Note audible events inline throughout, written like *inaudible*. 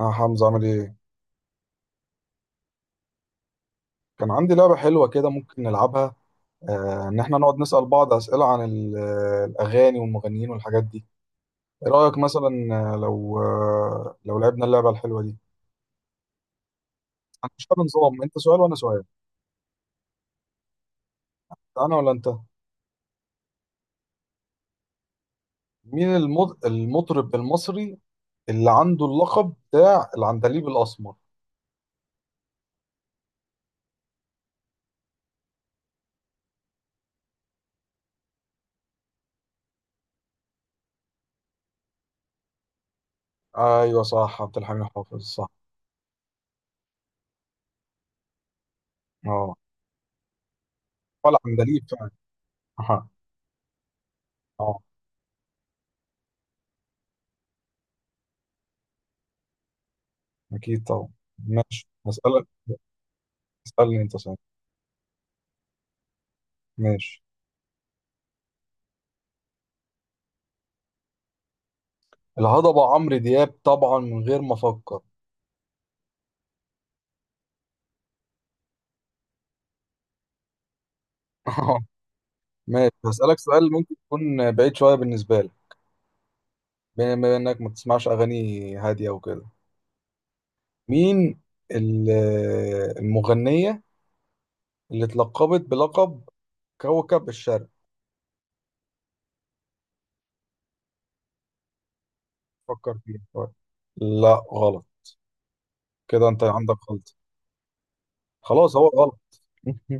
اه، حمزة عامل ايه؟ كان عندي لعبة حلوة كده، ممكن نلعبها. ان احنا نقعد نسأل بعض أسئلة عن الأغاني والمغنيين والحاجات دي. ايه رأيك مثلا؟ لو لعبنا اللعبة الحلوة دي. مش نظام انت سؤال وانا سؤال؟ انا ولا انت؟ مين المطرب المصري اللي عنده اللقب بتاع العندليب الأسمر؟ ايوه صح، عبد الحميد حافظ، صح. اه، ولا عندليب فعلا. اه. آه، اكيد طبعا. ماشي هسألك. اسألني انت سؤال. ماشي. الهضبة عمرو دياب طبعا، من غير ما أفكر. *laughs* ماشي هسألك سؤال ممكن يكون بعيد شوية بالنسبة لك. بما إنك ما بتسمعش أغاني هادية وكده، مين ال- المغنية اللي اتلقبت بلقب كوكب الشرق؟ فكر فيها شوية. لا غلط، كده أنت عندك غلط. خلاص هو غلط. *laughs*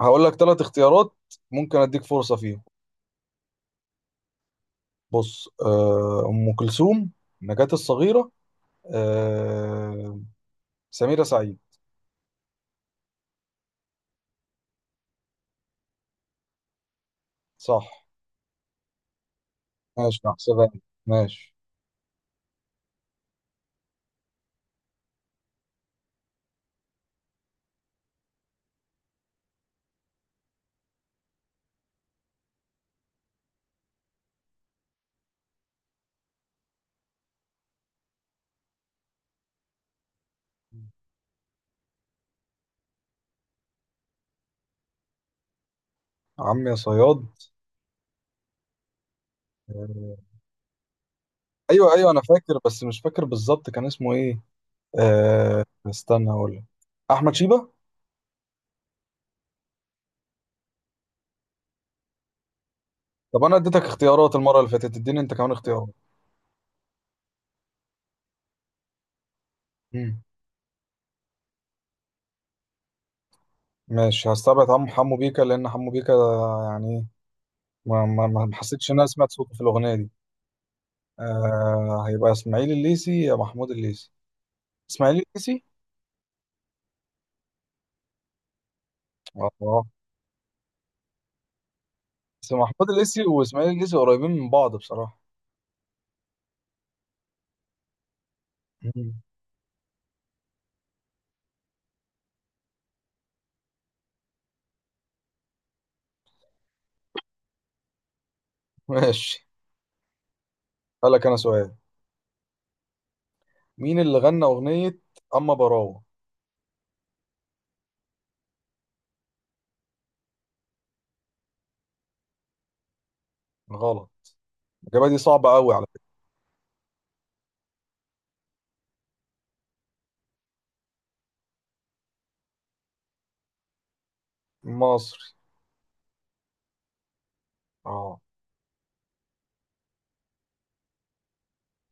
هقول لك ثلاث اختيارات، ممكن أديك فرصة فيهم. بص، أم كلثوم، نجاة الصغيرة، آه، سميرة سعيد. صح. ماشي هحسبها لك. ماشي. عم يا صياد. آه، ايوه ايوه، انا فاكر بس مش فاكر بالظبط كان اسمه ايه. استنى اقول لك. احمد شيبة. طب انا اديتك اختيارات المره اللي فاتت، اديني انت كمان اختيارات. مم. ماشي هستبعد عم حمو بيكا، لان حمو بيكا يعني ما حسيتش ان انا سمعت صوته في الاغنيه دي. آه هيبقى اسماعيل الليسي يا محمود الليسي. اسماعيل الليسي. اه، بس محمود الليسي واسماعيل الليسي قريبين من بعض بصراحه. مم. ماشي هلك انا سؤال. مين اللي غنى اغنية اما براوة؟ غلط. الاجابة دي صعبة قوي على فكرة. مصري. اه.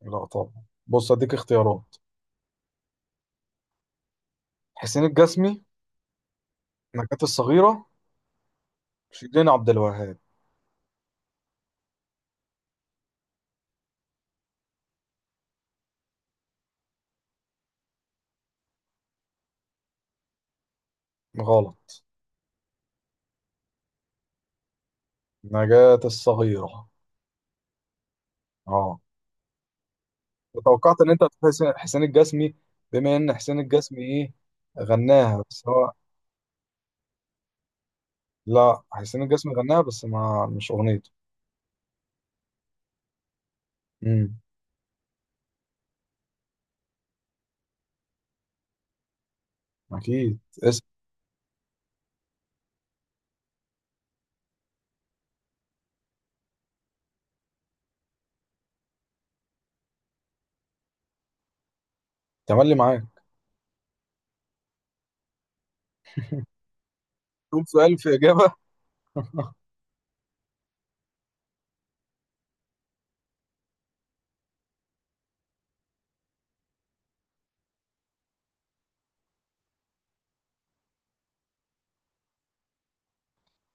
لا طبعا. بص اديك اختيارات: حسين الجسمي، نجاة الصغيرة، شيرين عبد الوهاب. غلط. نجاة الصغيرة. اه. توقعت ان انت هتقول حسين الجسمي، بما ان حسين الجسمي ايه غناها، بس هو. لا حسين الجسمي غناها بس ما، مش اغنيته. امم. اكيد اسم. تملي معاك. تقول سؤال في اجابة.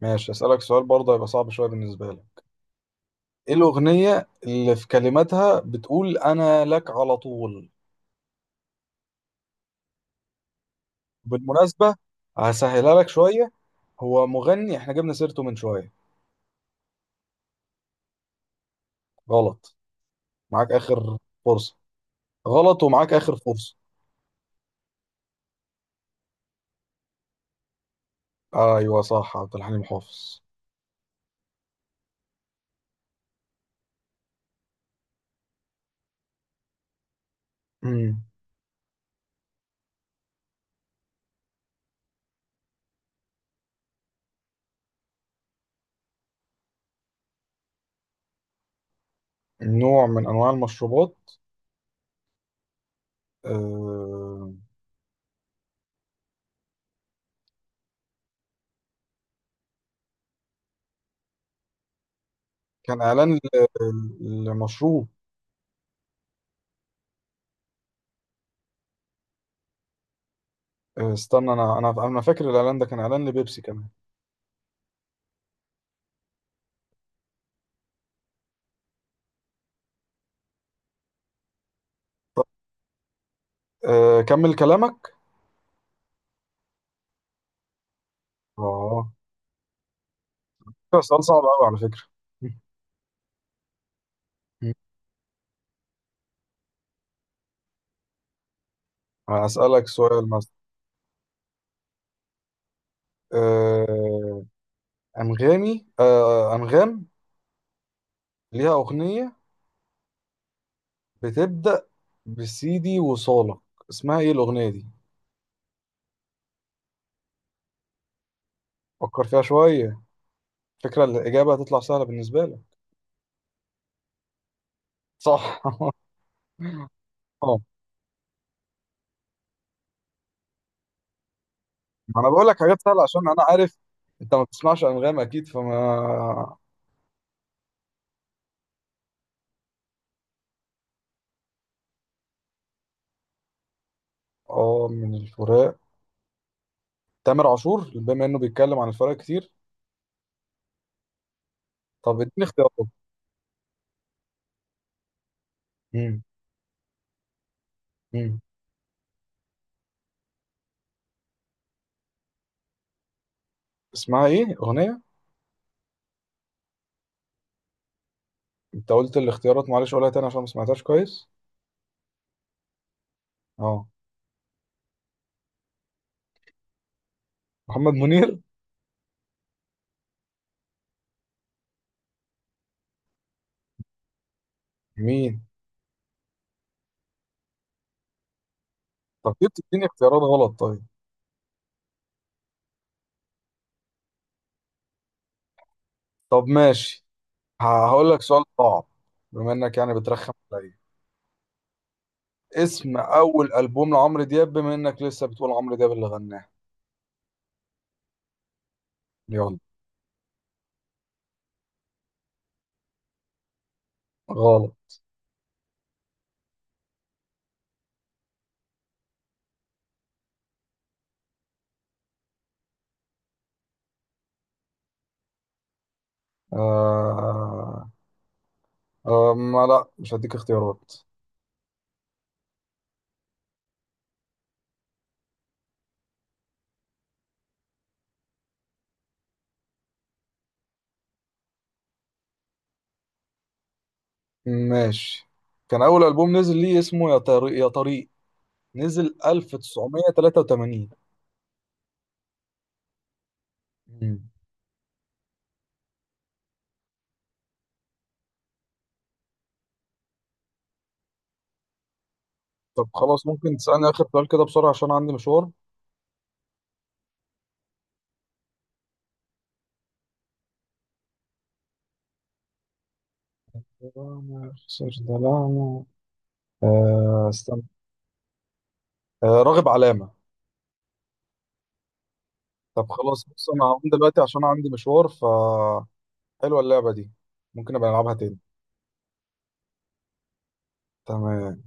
ماشي أسألك سؤال برضه هيبقى صعب شوية بالنسبة لك. إيه الأغنية اللي في كلماتها بتقول أنا لك على طول؟ بالمناسبة، هسهلها لك شوية، هو مغني إحنا جبنا سيرته من شوية. غلط. معاك آخر فرصة. غلط، ومعاك آخر فرصة. أيوه صح، عبد الحليم حافظ. مم. نوع من أنواع المشروبات. آه... كان إعلان لمشروب. استنى، أنا فاكر الإعلان ده كان إعلان لبيبسي كمان. آه... كمل كلامك. آه، ده سؤال صعب قوي على فكرة. *laughs* مم. هسألك سؤال مثلا. آه، أنغام ليها أغنية بتبدأ بسيدي وصالك، اسمها إيه الأغنية دي؟ فكر فيها شوية، فكرة الإجابة هتطلع سهلة بالنسبة لك. صح. *laughs* اه، ما أنا بقول لك حاجات سهلة عشان أنا عارف أنت ما بتسمعش أنغام أكيد، فما... من الفراق. تامر عاشور، بما إنه بيتكلم عن الفراق كتير. طب إديني اختيارات. مم. مم. اسمها إيه أغنية؟ انت قلت الاختيارات، معلش قولها تاني عشان ما سمعتهاش كويس. اه محمد منير. مين؟ طب ليه بتديني اختيارات غلط طيب؟ طب ماشي. هقول لك سؤال صعب، بما انك يعني بترخم عليا. اسم اول البوم لعمرو دياب، بما انك لسه بتقول عمرو دياب اللي غناه. يلا. غلط. آه... آه... ما لا، مش هديك اختيارات. ماشي. كان اول البوم نزل ليه اسمه يا طريق يا طريق، نزل 1983. مم. طب خلاص ممكن تسألني آخر سؤال كده بسرعة عشان عندي مشوار. دلعنا خسر دلعنا. آه استنى. آه راغب علامة. طب خلاص، بص أنا هقوم دلوقتي عشان عندي مشوار، ف حلوة اللعبة دي، ممكن أبقى ألعبها تاني. تمام.